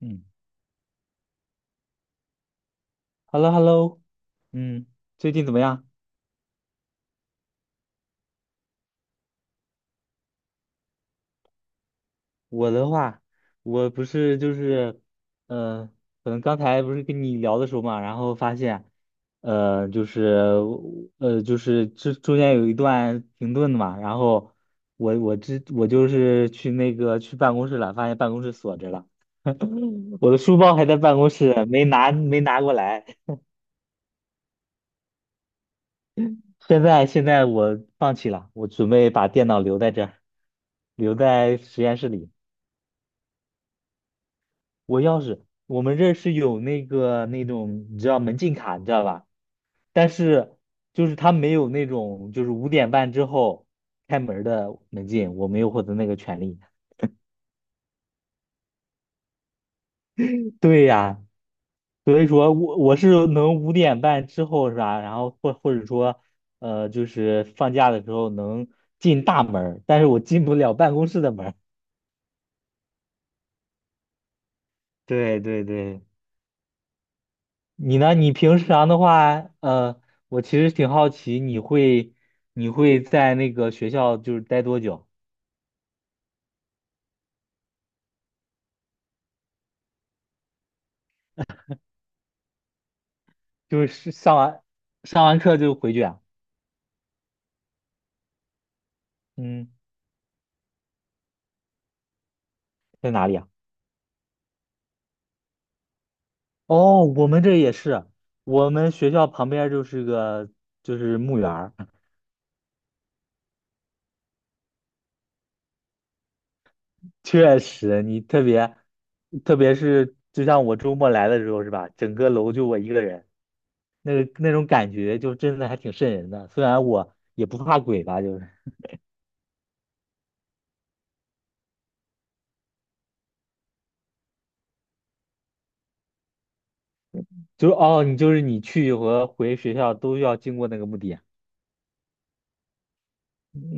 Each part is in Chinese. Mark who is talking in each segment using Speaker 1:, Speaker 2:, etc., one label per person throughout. Speaker 1: 嗯，Hello Hello。嗯，最近怎么样？我的话，我不是就是，呃，可能刚才不是跟你聊的时候嘛，然后发现，呃，就是就是这中间有一段停顿的嘛，然后我就是去那个去办公室了，发现办公室锁着了。我的书包还在办公室，没拿过来。现在我放弃了，我准备把电脑留在这儿，留在实验室里。我钥匙，我们这儿是有那个那种，你知道门禁卡，你知道吧？但是他没有那种，就是五点半之后开门儿的门禁，我没有获得那个权利。对呀，所以说我是能五点半之后是吧？然后或者说，就是放假的时候能进大门儿，但是我进不了办公室的门儿。对对对。你呢？你平常的话，我其实挺好奇，你会在那个学校就是待多久？就是上完课就回去啊？嗯，在哪里啊？哦，我们这也是，我们学校旁边儿就是个就是墓园儿。确实，你特别特别是就像我周末来的时候是吧？整个楼就我一个人，那个那种感觉就真的还挺瘆人的。虽然我也不怕鬼吧，就是。就是哦，你就是你去和回学校都要经过那个墓地啊。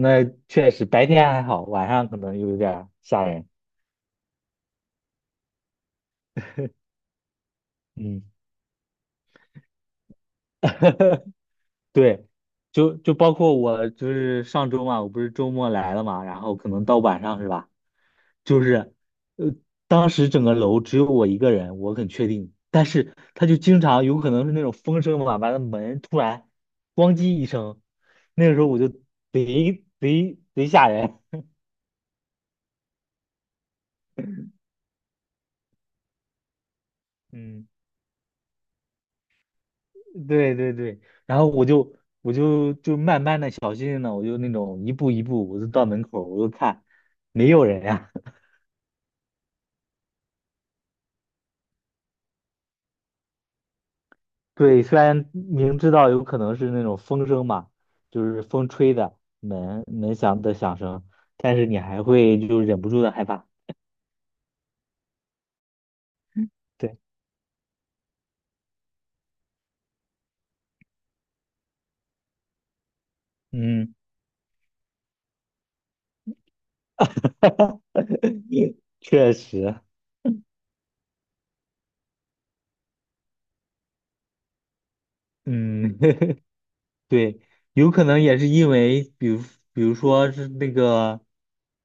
Speaker 1: 那确实白天还好，晚上可能有点儿吓人。嗯，对，就包括我就是上周嘛，我不是周末来了嘛，然后可能到晚上是吧？就是，呃，当时整个楼只有我一个人，我很确定。但是他就经常有可能是那种风声嘛，把那门突然咣叽一声，那个时候我就贼吓人。嗯。对对对，然后我就慢慢的、小心心的，我就那种一步一步，我就到门口，我就看，没有人呀。对，虽然明知道有可能是那种风声嘛，就是风吹的门门响的响声，但是你还会就忍不住的害怕。对。嗯，确实。嗯，对，有可能也是因为，比如比如说是那个，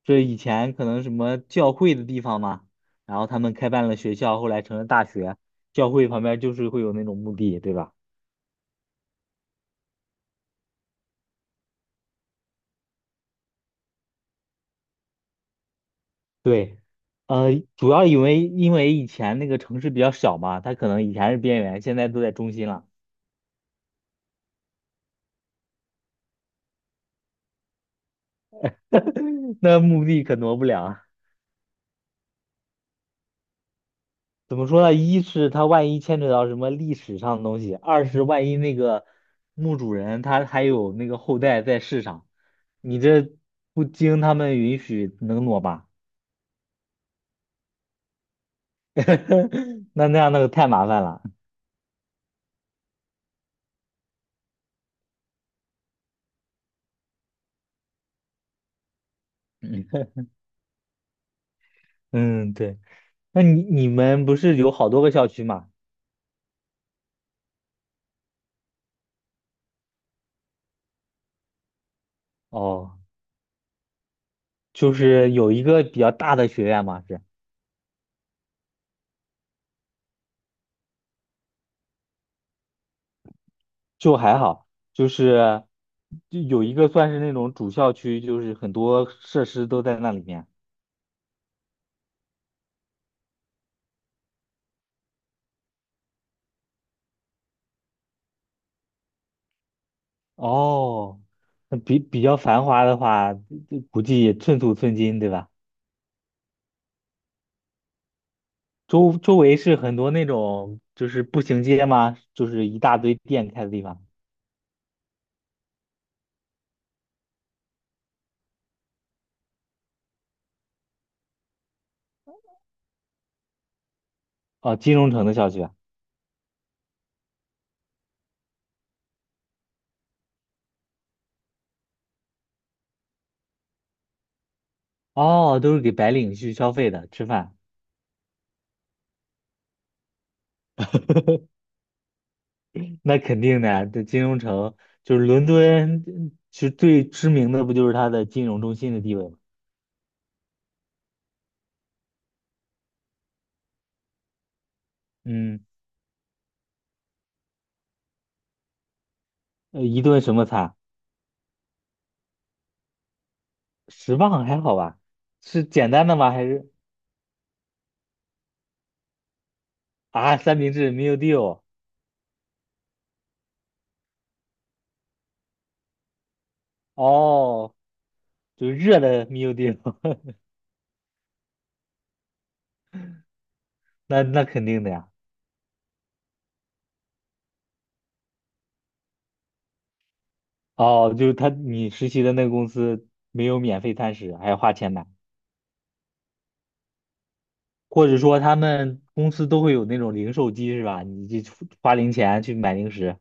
Speaker 1: 这以前可能什么教会的地方嘛，然后他们开办了学校，后来成了大学，教会旁边就是会有那种墓地，对吧？对，呃，主要因为以前那个城市比较小嘛，它可能以前是边缘，现在都在中心了。那墓地可挪不了。怎么说呢？一是他万一牵扯到什么历史上的东西，二是万一那个墓主人他还有那个后代在世上，你这不经他们允许能挪吧？那那样那个太麻烦了。嗯，对。那你你们不是有好多个校区吗？哦，就是有一个比较大的学院嘛，是就还好，就是就有一个算是那种主校区，就是很多设施都在那里面。哦，那比较繁华的话，估计也寸土寸金，对吧？周围是很多那种就是步行街吗？就是一大堆店开的地方。哦，金融城的校区啊。哦，都是给白领去消费的，吃饭。那肯定的，这金融城就是伦敦，嗯其实最知名的不就是它的金融中心的地位吗？嗯，一顿什么餐？十磅还好吧？是简单的吗？还是啊，三明治 meal deal？哦，就是热的没有地方。那那肯定的呀。哦，就是他你实习的那个公司没有免费餐食，还要花钱买，或者说他们公司都会有那种零售机是吧？你就花零钱去买零食，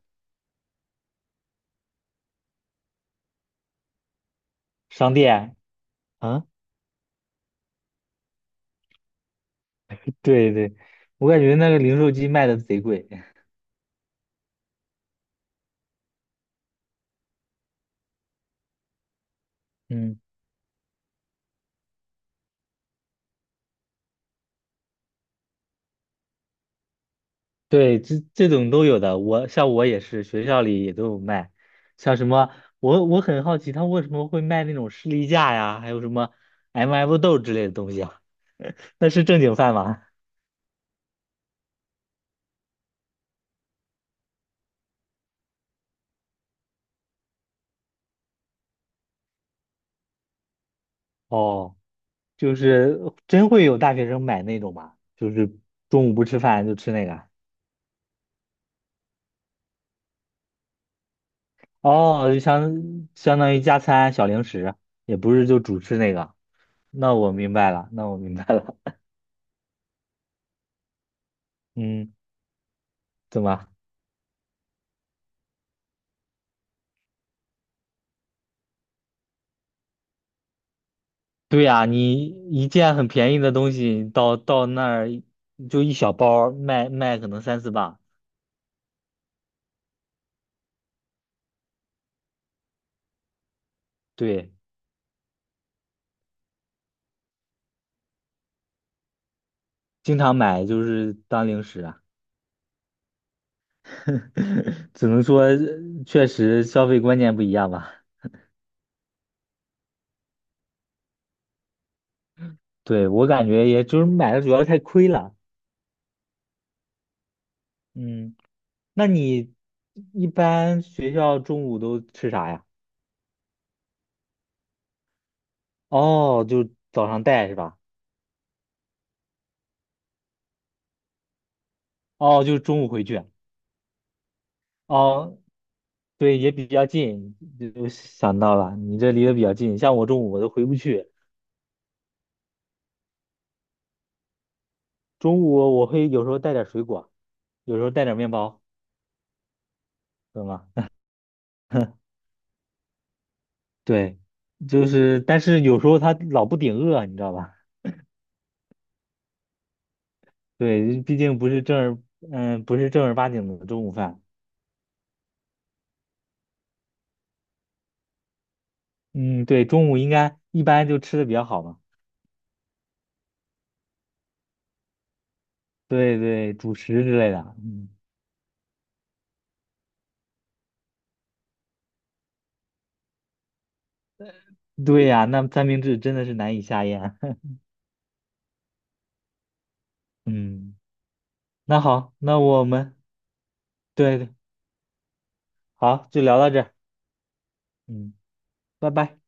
Speaker 1: 商店啊。对对，我感觉那个零售机卖的贼贵。嗯，对，这这种都有的，我像我也是，学校里也都有卖，像什么我很好奇他为什么会卖那种士力架呀，还有什么 MF 豆之类的东西啊。那是正经饭吗？哦，就是真会有大学生买那种吗？就是中午不吃饭就吃那个？哦，就相当于加餐小零食，也不是就主吃那个。那我明白了，那我明白了。嗯，怎么？对呀，你一件很便宜的东西到那儿就一小包儿卖可能三四磅。对，经常买就是当零食啊。只能说确实消费观念不一样吧。对，我感觉也就是买的主要太亏了。嗯，那你一般学校中午都吃啥呀？哦，就早上带是吧？哦，就中午回去啊。哦，对，也比较近，就想到了，你这离得比较近。像我中午我都回不去，中午我会有时候带点水果，有时候带点面包，懂吗？对，就是，但是有时候他老不顶饿，你知道吧？对，毕竟不是正儿，嗯，不是正儿八经的中午饭。嗯，对，中午应该一般就吃的比较好嘛。对对，主食之类的。嗯，对呀，那三明治真的是难以下咽。嗯，那好，那我们对，对，好，就聊到这儿。嗯，拜拜。